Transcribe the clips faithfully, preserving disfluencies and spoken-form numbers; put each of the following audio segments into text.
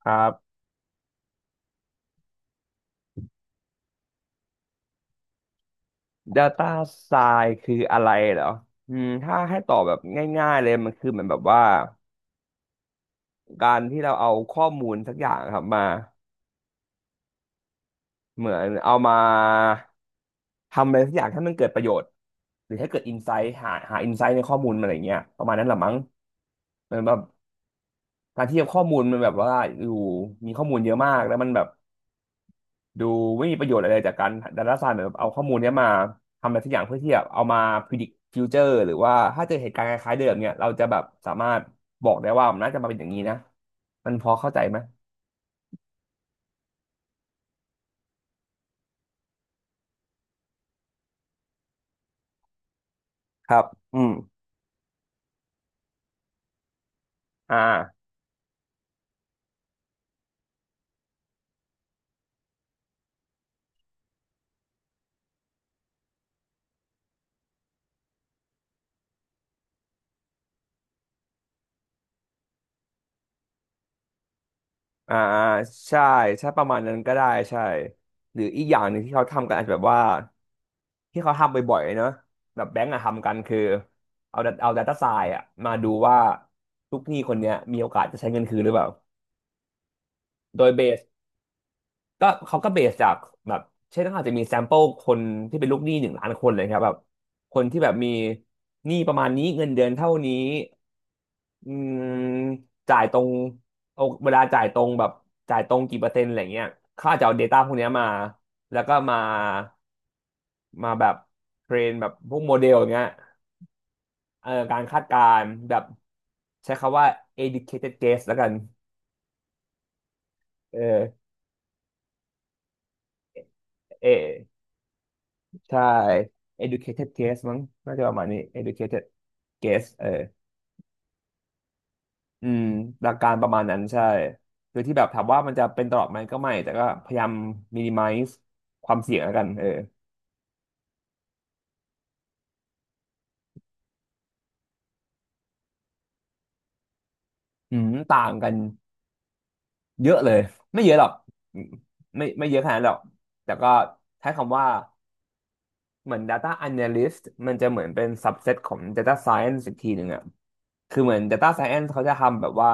ครับ Data Science คืออะไรเหรออืมถ้าให้ตอบแบบง่ายๆเลยมันคือเหมือนแบบว่าการที่เราเอาข้อมูลสักอย่างครับมาเหมือนเอามาทำอะไรสักอย่างให้มันเกิดประโยชน์หรือให้เกิดอินไซต์หาหาอินไซต์ในข้อมูลมันอะไรเงี้ยประมาณนั้นแหละมั้งเหมือนแบบการที่ข้อมูลมันแบบว่าอยู่มีข้อมูลเยอะมากแล้วมันแบบ ดูไม่มีประโยชน์อะไรจากการดัตต้าไซน์เหมือนแบบเอาข้อมูลเนี้ยมาทำอะไรสักอย่างเพื่อที่แบบเอามาพิจิตรฟิวเจอร์หรือว่าถ้าเจอเหตุการณ์คล้ายๆเดิมเนี่ยเราจะแบบสามารถบอกได้ว่ามันน่าจะมาเป็นอย่างนี้นะมันพอเข้าใจไหมครับอืมอ่าอ่าอ่าใช่ใช่ประมาณนั้นก็ได้ใช่หรืออีกอย่างหนึ่งที่เขาทำกันอาจจะแบบว่าที่เขาทำบ่อยๆเนอะแบบแบงก์อะทำกันคือเอา d เอาดัตต้าไซน์อะมาดูว่าลูกหนี้คนเนี้ยมีโอกาสจะใช้เงินคืนหรือเปล่าโดยเบส ก็เขาก็เบสจากแบบเช่นเขาอาจจะมีแซมเปิลคนที่เป็นลูกหนี้หนึ่งล้านคนเลยครับแบบคนที่แบบมีหนี้ประมาณนี้เงินเดือนเท่านี้อืมจ่ายตรงโอเวลาจ่ายตรงแบบจ่ายตรงกี่เปอร์เซ็นต์อะไรเงี้ยเขาอาจจะเอา Data พวกเนี้ยมาแล้วก็มามาแบบเทรนแบบพวกโมเดลอย่างเงี้ยเออการคาดการณ์แบบใช้คำว่า educated guess แล้วกันเออเอ ใช่ educated guess มั้งน่าจะประมาณนี้ educated guess เอออืมหลักการประมาณนั้นใช่คือที่แบบถามว่ามันจะเป็นตลอดไหมก็ไม่ แต่ก็พยายาม minimize ความเสี่ยงแล้วกันเอออืมต่างกันเยอะเลย ไม่เยอะหรอก ไม่ไม่เยอะขนาดนั้นหรอก แต่ก็ใช้คำว่าเหมือน data analyst มันจะเหมือนเป็น subset ของ data science อีกทีหนึ่งอะคือเหมือน data science เขาจะทำแบบว่า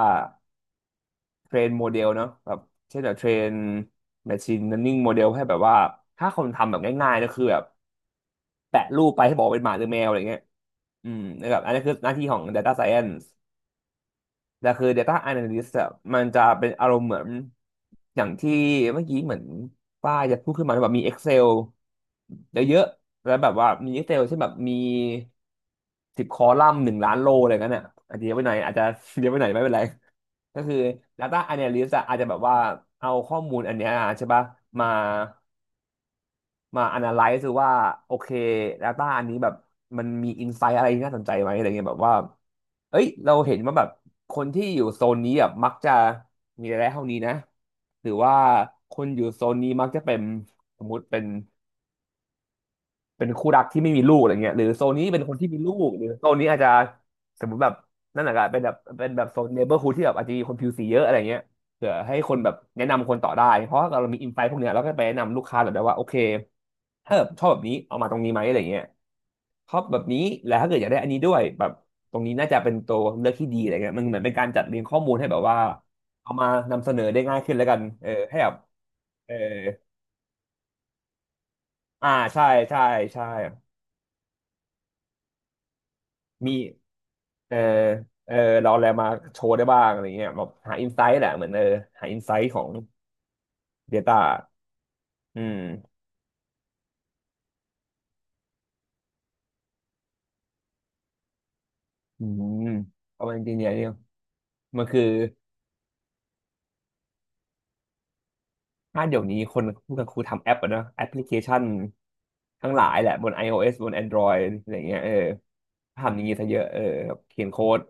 เทรนโมเดลเนาะแบบเช่นแบบเทรน machine learning โมเดลให้แบบว่าถ้าคนทำแบบง่ายๆก็คือแบบแปะรูปไปให้บอกว่าเป็นหมาหรือแมวอะไรเงี้ยอืมแล้วแบบอันนี้คือหน้าที่ของ Data Science แต่คือ Data Analyst อะมันจะเป็นอารมณ์เหมือนอย่างที่เมื่อกี้เหมือนป้าจะพูดขึ้นมาแบบมี Excel เยอะๆแล้วแบบว่ามี Excel เช่นแบบมีสิบคอลัมน์หนึ่งล้านโลอะไรเงี้ยน่ะอาจจะเยอะไปหน่อยอาจจะ เยอะไปหน่อยไม่เป็นไร ก็คือ Data Analyst อะอาจจะแบบว่าเอาข้อมูลอันเนี้ยใช่ปะมามา analyze ดูว่าโอเค Data อันนี้แบบมันมี insight อะไรที่น่าสนใจไหมอะไรเงี้ยแบบว่าเอ้ยเราเห็นว่าแบบคนที่อยู่โซนนี้แบบมักจะมีรายได้เท่านี้นะหรือว่าคนอยู่โซนนี้มักจะเป็นสมมุติเป็น เป็นคู่รักที่ไม่มีลูกอะไรเงี้ยหรือโซนนี้เป็นคนที่มีลูกหรือโซนนี้อาจจะสมมติแบบนั่นแหละครับเป็นแบบเป็นแบบโซนเนเบอร์ฮูดที่แบบอาจจะมีคนผิวสีเยอะอะไรเงี้ยเผื่อให้คนแบบแนะนำคนต่อได้เพราะเรามีอินไซต์พวกเนี้ยเราก็ไปแนะนำลูกค้าแบบได้ว่าโอเคถ้าแบบชอบแบบนี้เอามาตรงนี้ไหมอะไรเงี้ยชอบแบบนี้แล้วถ้าเกิดอยากได้อันนี้ด้วยแบบตรงนี้น่าจะเป็นตัวเลือกที่ดีอะไรเงี้ยมันเหมือนเป็นการจัดเรียงข้อมูลให้แบบว่าเอามานำเสนอได้ง่ายขึ้นแล้วกันเออให้แบบเอออ่าใช่ใช่ใช่มี เออเออเราเอาอะไรมาโชว์ได้บ้างอะไรเงี้ยแบบหาอินไซต์แหละเหมือนเออหาอินไซต์ของ Data อืมอืมเอาจริงๆเนี่ยเนี่ยมันคือถ้าเดี๋ยวนี้คนพูดกันครูทำแอปอะเนอะแอปพลิเคชันทั้งหลายแหละบน ไอ โอ เอส บน แอนดรอยด์ อะไรเงี้ยเออทำอย่างนี้ซะเยอะเออแบบเขียนโค้ด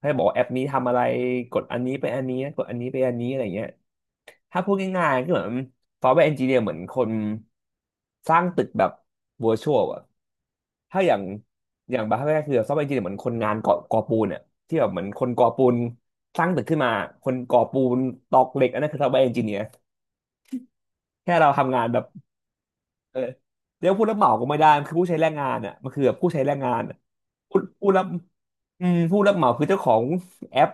ให้บอกว่าแอปนี้ทำอะไรกดอันนี้ไปอันนี้กดอันนี้ไปอันนี้อะไรเงี้ย ถ้าพูดง่ายๆก็เหมือนซอฟต์แวร์เอนจิเนียร์เหมือนคนสร้างตึกแบบว i ชวลอะถ้าอย่างอย่างบาร์แรกคือซอฟต์แวร์เอนจิเนียร์เหมือนคนงานก่อก่อปูนเนี่ยที่แบบเหมือนคนก่อปูนสร้างตึกขึ้นมาคนก่อปูนตอกเหล็กอันนั้นคือซอฟต์แวร์เอนจิเนียร์แค่เราทำงานแบบเออเรียกว่าผู้รับเหมาก็ไม่ได้มันคือผู้ใช้แรงงานอ่ะมันคือแบบผู้ใช้แรงงานอะผู้ผู้รับอืมผู้รับเหมาคือเจ้าของแอป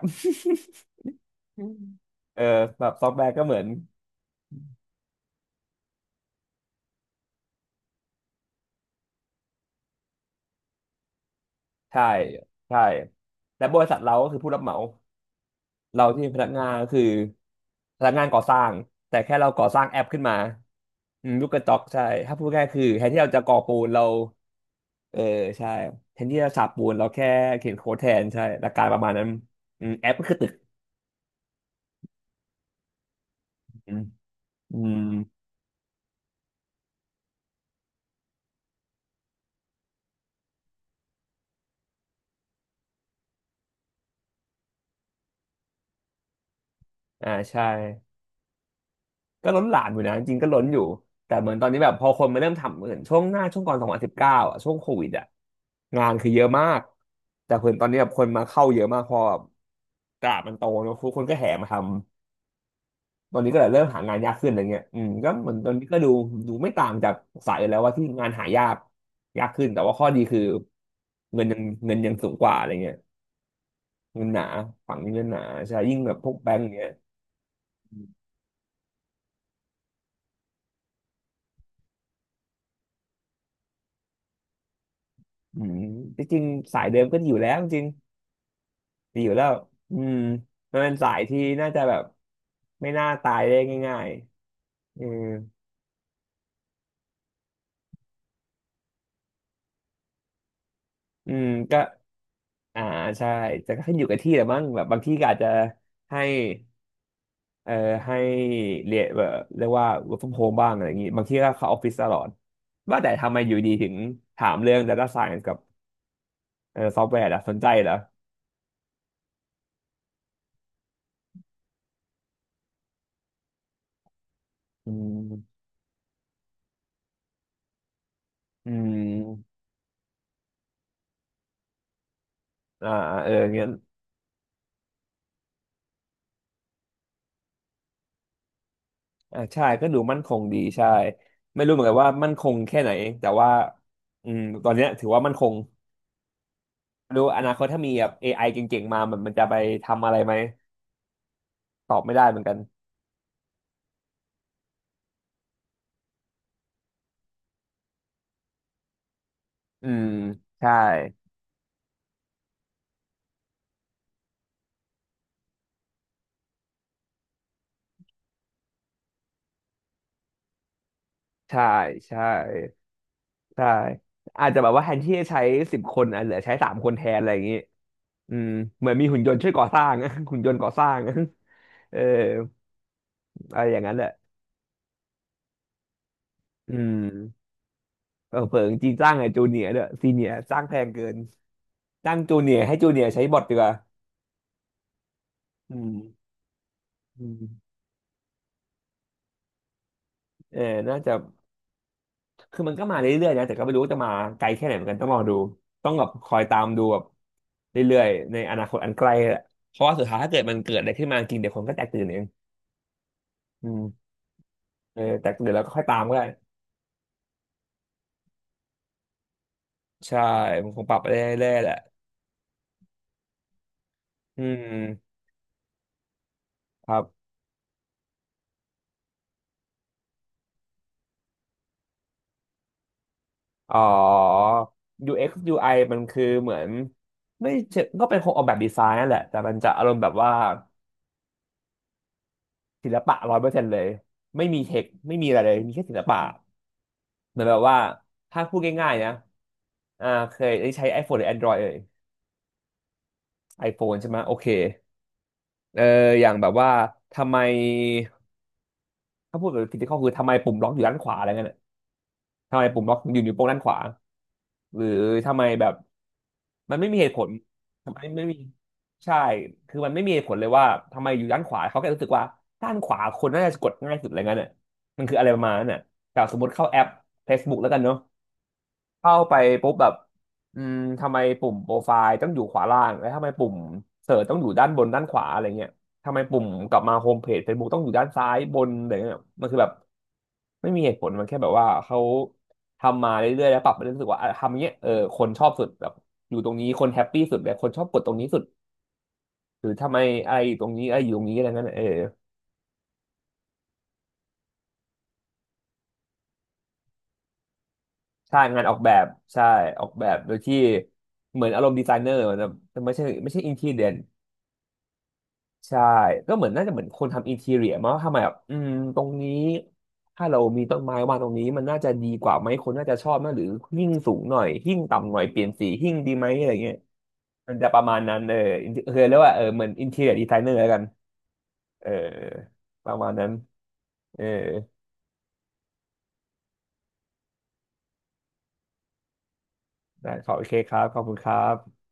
เออแบบซอฟต์แวร์ก็เหมือนใช่ใช่และบริษัทเราก็คือผู้รับเหมา เราที่เป็นพนักงานก็คือพนักงานก่อสร้างแต่แค่เราก่อสร้างแอปขึ้นมาอืมลูกกระจอกใช่ถ้าพูดง่ายๆคือแทนที่เราจะก่อปูนเราเออใช่แทนที่จะฉาบปูนเราแค่เขียนโค้ดแทนใช่หลักการประมาณนั้นอืมแอปก็คือตึกอืมอืมอ่าใช่ก็ล้นหลามอยู่นะจริงๆก็ล้นอยู่แต่เหมือนตอนนี้แบบพอคนมาเริ่มทำเหมือนช่วงหน้าช่วงก่อนสองพันสิบเก้าอ่ะช่วงโควิดอ่ะงานคือเยอะมากแต่เหมือนตอนนี้แบบคนมาเข้าเยอะมากเพอแบบตลาดมันโตเนอะทุกคนก็แห่มาทำ ตอนนี้ก็เลยเริ่มหางานยากขึ้นอะไรเงี้ยอืมก็เหมือนตอนนี้ก็ดูดูไม่ต่างจากสายอื่นแล้วว่าที่งานหายากยากขึ้นแต่ว่าข้อดีคือเงินยังเงินยังสูงกว่าอะไรเงี้ยเงินหนาฝั่งนี้เงินหนาใช่ยิ่งแบบพวกแบงก์อย่างเงี้ยอืมจริงๆสายเดิมก็ดีอยู่แล้วจริงดีอยู่แล้วอืมมันเป็นสายที่น่าจะแบบไม่น่าตายได้ง่ายๆอืออืมก็อ่าใช่แต่ก็ขึ้นอยู่กับที่แหละมั้งแบบบางที่ก็อาจจะให้ เอ่อให้เรียนแบบเรียกว่า work from home บ้างอะไรอย่างงี้บางทีก็เข้าออฟฟิศตลอดว่าแต่ทำไมอยู่ดีถึงถามเรื่อง data science กับเอ่อซอฟต์แวร์ล่ะสนใจเหรออืมอืมอ่าเอองั้นอ่าใช่ก็ดูมั่นคงดีใช่ไม่รู้เหมือนกันว่ามั่นคงแค่ไหนแต่ว่าอืมตอนเนี้ยถือว่ามั่นคงไม่รู้อนาคตถ้ามีแบบ เอ ไอ เก่งๆมามันมันจะไปทำอะไรไหมตอบไม่ได้เหมือนกันอืมใช่ใช่ใช่ ใช่อาจจะแบบว่าแทนที่จะใช้สิบคนอ่ะเหลือใช้สามคนแทนอะไรอย่างงี้อืมเหมือนมีหุ่นยนต์ช่วยก่อสร้าง หุ่นยนต์ก่อสร้าง เอออะไรอย่างนั้นแหละอืมเออเผิงจีนจ้างไอ้จูเนียร์ด้วยซีเนียร์จ้างแพงเกินจ้างจูเนียร์ให้จูเนียร์ใช้บอทดีกว่าอืมอืมเออน่าจะคือมันก็มาเรื่อยๆนะแต่ก็ไม่รู้ว่าจะมาไกลแค่ไหนเหมือนกันต้องรอดูต้องแบบคอยตามดูแบบเรื่อยๆในอนาคตอันไกลแหละเพราะว่าสุดท้ายถ้าเกิดมันเกิดอะไรขึ้นมาจริงเดี๋ยวคนก็แตกตื่นเองอืมเออแต่เดี๋ยวเราก็ค่อยตามก็ได้ ใช่มันคงปรับไปเรื่อยๆแหละอืมครับอ๋อ ยู เอ็กซ์ ยู ไอ มันคือเหมือนไม่เชิงก็เป็นคงออกแบบดีไซน์นั่นแหละ แต่มันจะอารมณ์แบบว่าศิลปะร้อยเปอร์เซ็นต์เลย ไม่มีเทค ไม่มีอะไรเลย มีแค่ศิลปะเหมือนแบบว่าถ้าพูดง่ายๆนะอ่าเคยได้ใช้ iPhone หรือ Android เอ่ย iPhone ใช่ไหม โอเคเอออย่างแบบว่าทำไมถ้าพูดแบบ physical คือทำไมปุ่มล็อกอยู่ด้านขวาอะไรเงี้ย ทำไมปุ่มล็อกถึงอยู่นิ้วโป้งด้านขวาหรือทำไมแบบมันไม่มีเหตุผลทำไมไม่มีใช่คือมันไม่มีเหตุผลเลยว่าทำไมอยู่ด้านขวาเขาแค่รู้สึกว่าด้านขวาคนน่าจะกดง่ายสุดอะไรเงี้ยน่ะมันคืออะไรประมาณนั้นน่ะแต่สมมติเข้าแอป Facebook แล้วกันเนาะ เข้าไปปุ๊บแบบอืมทำไมปุ่มโปรไฟล์ต้องอยู่ขวาล่างแล้วทำไมปุ่มเสิร์ชต้องอยู่ด้านบนด้านขวาอะไรเงี้ยทำไมปุ่มกลับมาโฮมเพจ Facebook ต้องอยู่ด้านซ้ายบนอะไรเงี้ยมันคือแบบไม่มีเหตุผลมันแค่แบบว่าเขาทำมาเรื่อยๆแล้วปรับไปเรื่อยๆรู้สึกว่าอ่ะทำอย่างเงี้ยเออคนชอบสุดแบบอยู่ตรงนี้คนแฮปปี้สุดแบบคนชอบกดตรงนี้สุดหรือทำไมอะไรอยู่ตรงนี้อะไรอยู่ตรงนี้อะไรเงี้ยเออใช่งานออกแบบใช่ออกแบบโดยที่เหมือนอารมณ์ดีไซเนอร์มันจะไม่ใช่ไม่ใช่อินทีเรีย ใช่ก็เหมือนน่าจะเหมือนคนทำอินทีเรียมั้งทำไมแบบอืมตรงนี้ถ้าเรามีต้นไม้วางตรงนี้มันน่าจะดีกว่าไหมคนน่าจะชอบนะหรือหิ้งสูงหน่อยหิ้งต่ำหน่อยเปลี่ยนสีหิ้งดีไหมอะไรเงี้ยมันจะประมาณนั้นเออ inter- เคยเรียกว่าเออเหมือนอินทีเรียดีไซเนอร์แล้วกันเออประมาณนั้นเออได้ขอบโอเคครับขอบคุณครับ